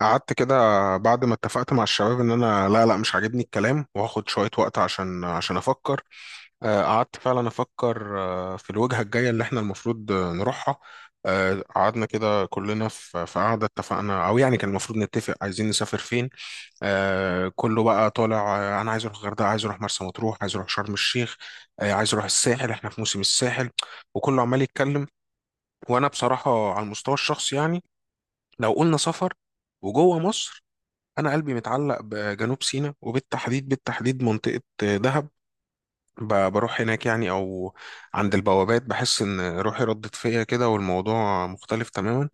قعدت كده، بعد ما اتفقت مع الشباب ان انا لا لا مش عاجبني الكلام، وهاخد شوية وقت عشان افكر. قعدت فعلا افكر في الوجهة الجاية اللي احنا المفروض نروحها. قعدنا كده كلنا في قعدة، اتفقنا او يعني كان المفروض نتفق عايزين نسافر فين. كله بقى طالع، انا عايز اروح الغردقة، عايز اروح مرسى مطروح، عايز اروح شرم الشيخ. عايز اروح الساحل، احنا في موسم الساحل. وكله عمال يتكلم. وانا بصراحة على المستوى الشخصي، يعني لو قلنا سفر وجوه مصر، انا قلبي متعلق بجنوب سيناء، وبالتحديد بالتحديد منطقة دهب. بروح هناك يعني، او عند البوابات بحس ان روحي ردت فيا كده، والموضوع مختلف تماما.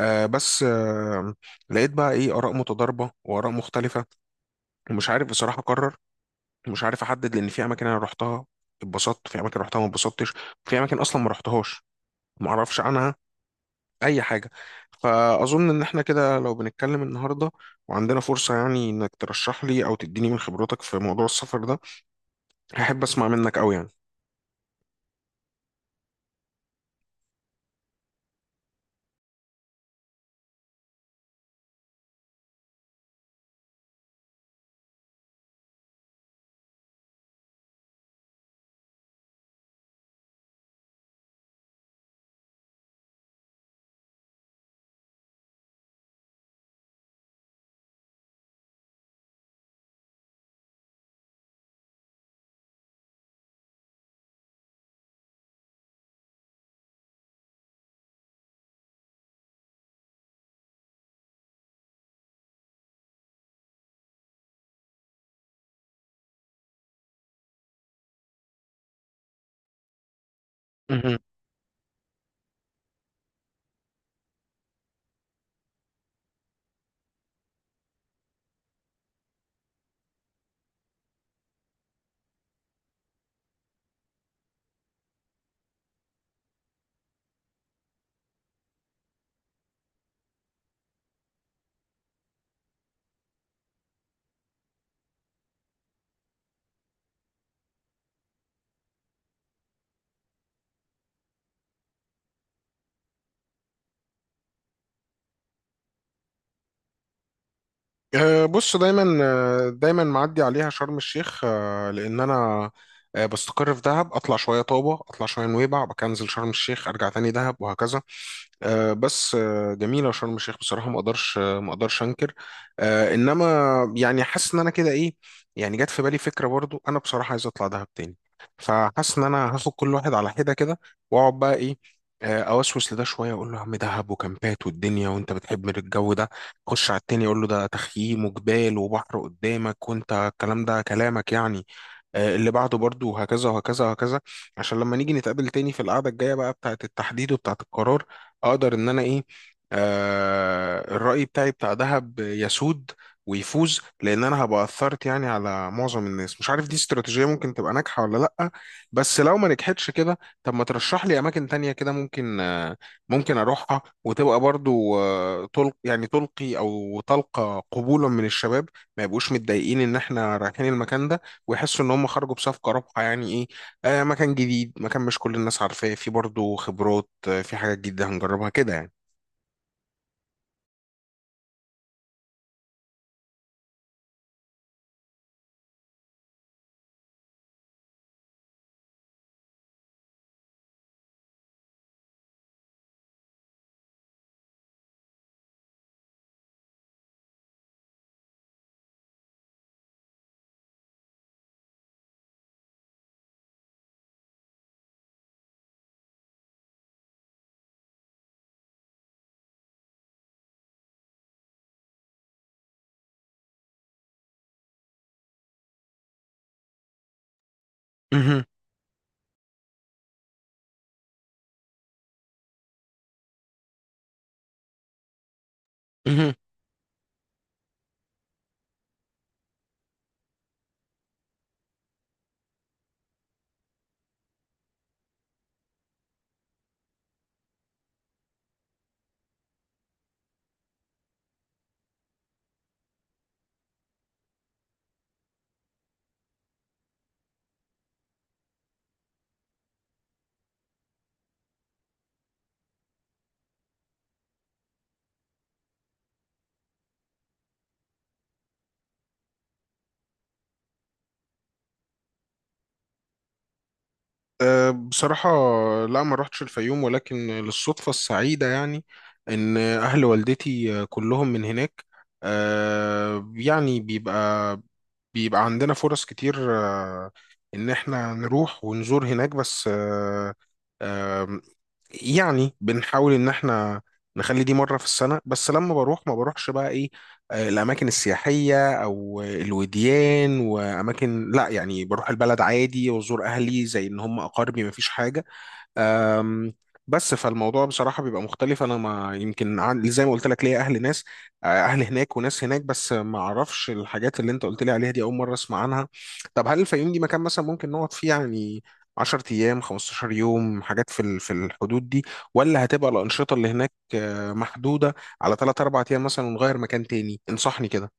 بس لقيت بقى ايه اراء متضاربة واراء مختلفة. ومش عارف بصراحة اقرر، مش عارف احدد. لان في اماكن انا رحتها اتبسطت، في اماكن رحتها ما اتبسطتش، في اماكن اصلا ما رحتهاش ما اعرفش عنها اي حاجه. فاظن ان احنا كده لو بنتكلم النهارده وعندنا فرصه، يعني انك ترشح لي او تديني من خبرتك في موضوع السفر ده، هحب اسمع منك قوي يعني. بص، دايما دايما معدي عليها شرم الشيخ، لان انا بستقر في دهب، اطلع شويه طابه، اطلع شويه نويبع، بكنزل شرم الشيخ، ارجع تاني دهب، وهكذا. بس جميله شرم الشيخ بصراحه، ما اقدرش ما اقدرش انكر، انما يعني حاسس ان انا كده ايه. يعني جت في بالي فكره، برضو انا بصراحه عايز اطلع دهب تاني. فحاسس ان انا هاخد كل واحد على حده كده، واقعد بقى ايه، اوسوس لده شويه، اقول له يا عم دهب وكامبات والدنيا، وانت بتحب الجو ده. خش على التاني يقول له ده تخييم وجبال وبحر قدامك، وانت الكلام ده كلامك يعني. اللي بعده برضه، وهكذا وهكذا وهكذا. عشان لما نيجي نتقابل تاني في القعدة الجاية بقى بتاعة التحديد وبتاعة القرار، اقدر ان انا ايه، الرأي بتاعي بتاع دهب يسود ويفوز، لان انا هبقى اثرت يعني على معظم الناس. مش عارف دي استراتيجية ممكن تبقى ناجحة ولا لا. بس لو ما نجحتش كده، طب ما ترشح لي اماكن تانية كده ممكن ممكن اروحها، وتبقى برضو يعني تلقي او تلقى قبولا من الشباب، ما يبقوش متضايقين ان احنا رايحين المكان ده، ويحسوا ان هم خرجوا بصفقه رابحه. يعني ايه، مكان جديد، مكان مش كل الناس عارفاه، في برضو خبرات، في حاجات جديده هنجربها كده يعني. مهم. مهم. بصراحة لا، ما رحتش الفيوم، ولكن للصدفة السعيدة يعني إن أهل والدتي كلهم من هناك. يعني بيبقى عندنا فرص كتير ان احنا نروح ونزور هناك، بس آه، آم، يعني بنحاول ان احنا نخلي دي مرة في السنة، بس لما بروح ما بروحش بقى ايه، الاماكن السياحية او الوديان واماكن، لا يعني بروح البلد عادي وازور اهلي زي ان هم اقاربي، ما فيش حاجة. أم، بس فالموضوع بصراحة بيبقى مختلف. أنا ما يمكن زي ما قلت لك ليا أهل، ناس أهل هناك وناس هناك، بس ما أعرفش الحاجات اللي أنت قلت لي عليها، دي أول مرة أسمع عنها. طب هل الفيوم دي مكان مثلا ممكن نقعد فيه، يعني 10 أيام 15 يوم، حاجات في الحدود دي؟ ولا هتبقى الأنشطة اللي هناك محدودة على 3 4 أيام مثلا، ونغير مكان تاني؟ انصحني كده.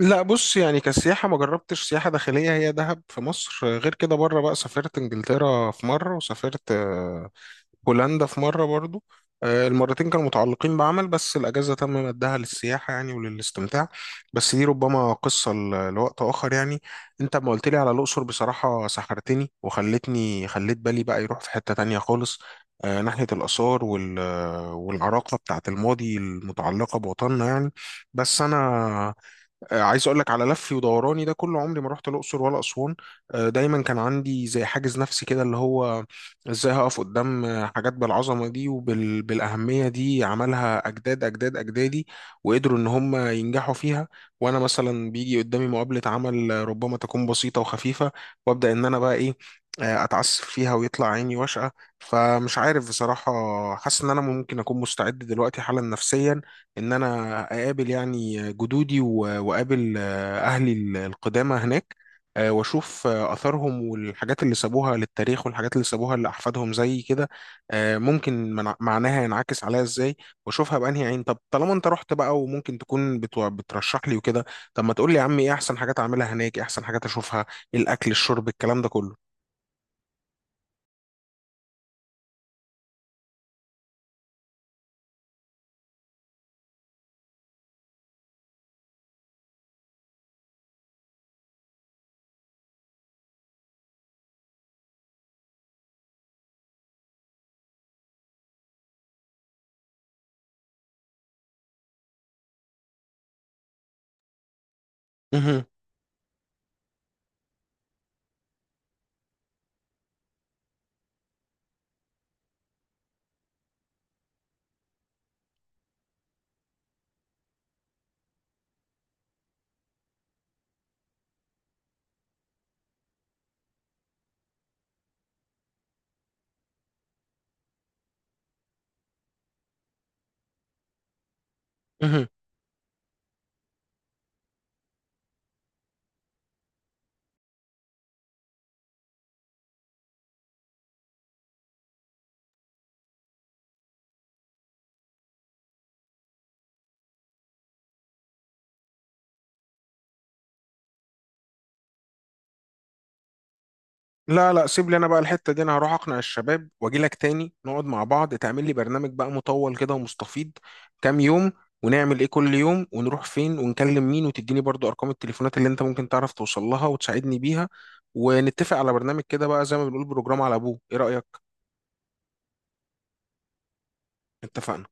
لا بص، يعني كسياحة ما جربتش سياحة داخلية، هي دهب في مصر. غير كده بره بقى، سافرت انجلترا في مرة، وسافرت هولندا في مرة برضو. المرتين كانوا متعلقين بعمل، بس الأجازة تم مدها للسياحة يعني وللاستمتاع. بس دي ربما قصة لوقت آخر يعني. أنت ما قلت لي على الأقصر بصراحة سحرتني، وخلتني خليت بالي بقى يروح في حتة تانية خالص، ناحية الآثار والعراقة بتاعت الماضي المتعلقة بوطننا يعني. بس أنا عايز اقول لك على لفي ودوراني ده، كل عمري ما رحت الاقصر ولا اسوان. دايما كان عندي زي حاجز نفسي كده، اللي هو ازاي هقف قدام حاجات بالعظمه دي وبالاهميه دي، عملها اجداد اجداد اجدادي وقدروا ان هم ينجحوا فيها. وانا مثلا بيجي قدامي مقابله عمل ربما تكون بسيطه وخفيفه، وابدا ان انا بقى ايه، اتعسف فيها ويطلع عيني واشقه. فمش عارف بصراحه، حاسس ان انا ممكن اكون مستعد دلوقتي حالا نفسيا، ان انا اقابل يعني جدودي واقابل اهلي القدامى هناك. واشوف اثارهم، والحاجات اللي سابوها للتاريخ، والحاجات اللي سابوها لاحفادهم زي كده. ممكن معناها ينعكس عليا ازاي، واشوفها بانهي عين. طب طالما انت رحت بقى، وممكن تكون بترشح لي وكده، طب ما تقول لي يا عم، ايه احسن حاجات اعملها هناك، ايه احسن حاجات اشوفها، إيه الاكل الشرب الكلام ده كله؟ مهم. مهم. لا لا، سيب لي انا بقى الحته دي. انا هروح اقنع الشباب واجي لك تاني، نقعد مع بعض، تعمل لي برنامج بقى مطول كده ومستفيض، كام يوم، ونعمل ايه كل يوم، ونروح فين، ونكلم مين، وتديني برضو ارقام التليفونات اللي انت ممكن تعرف توصل لها وتساعدني بيها، ونتفق على برنامج كده بقى زي ما بنقول بروجرام على ابوه. ايه رأيك؟ اتفقنا.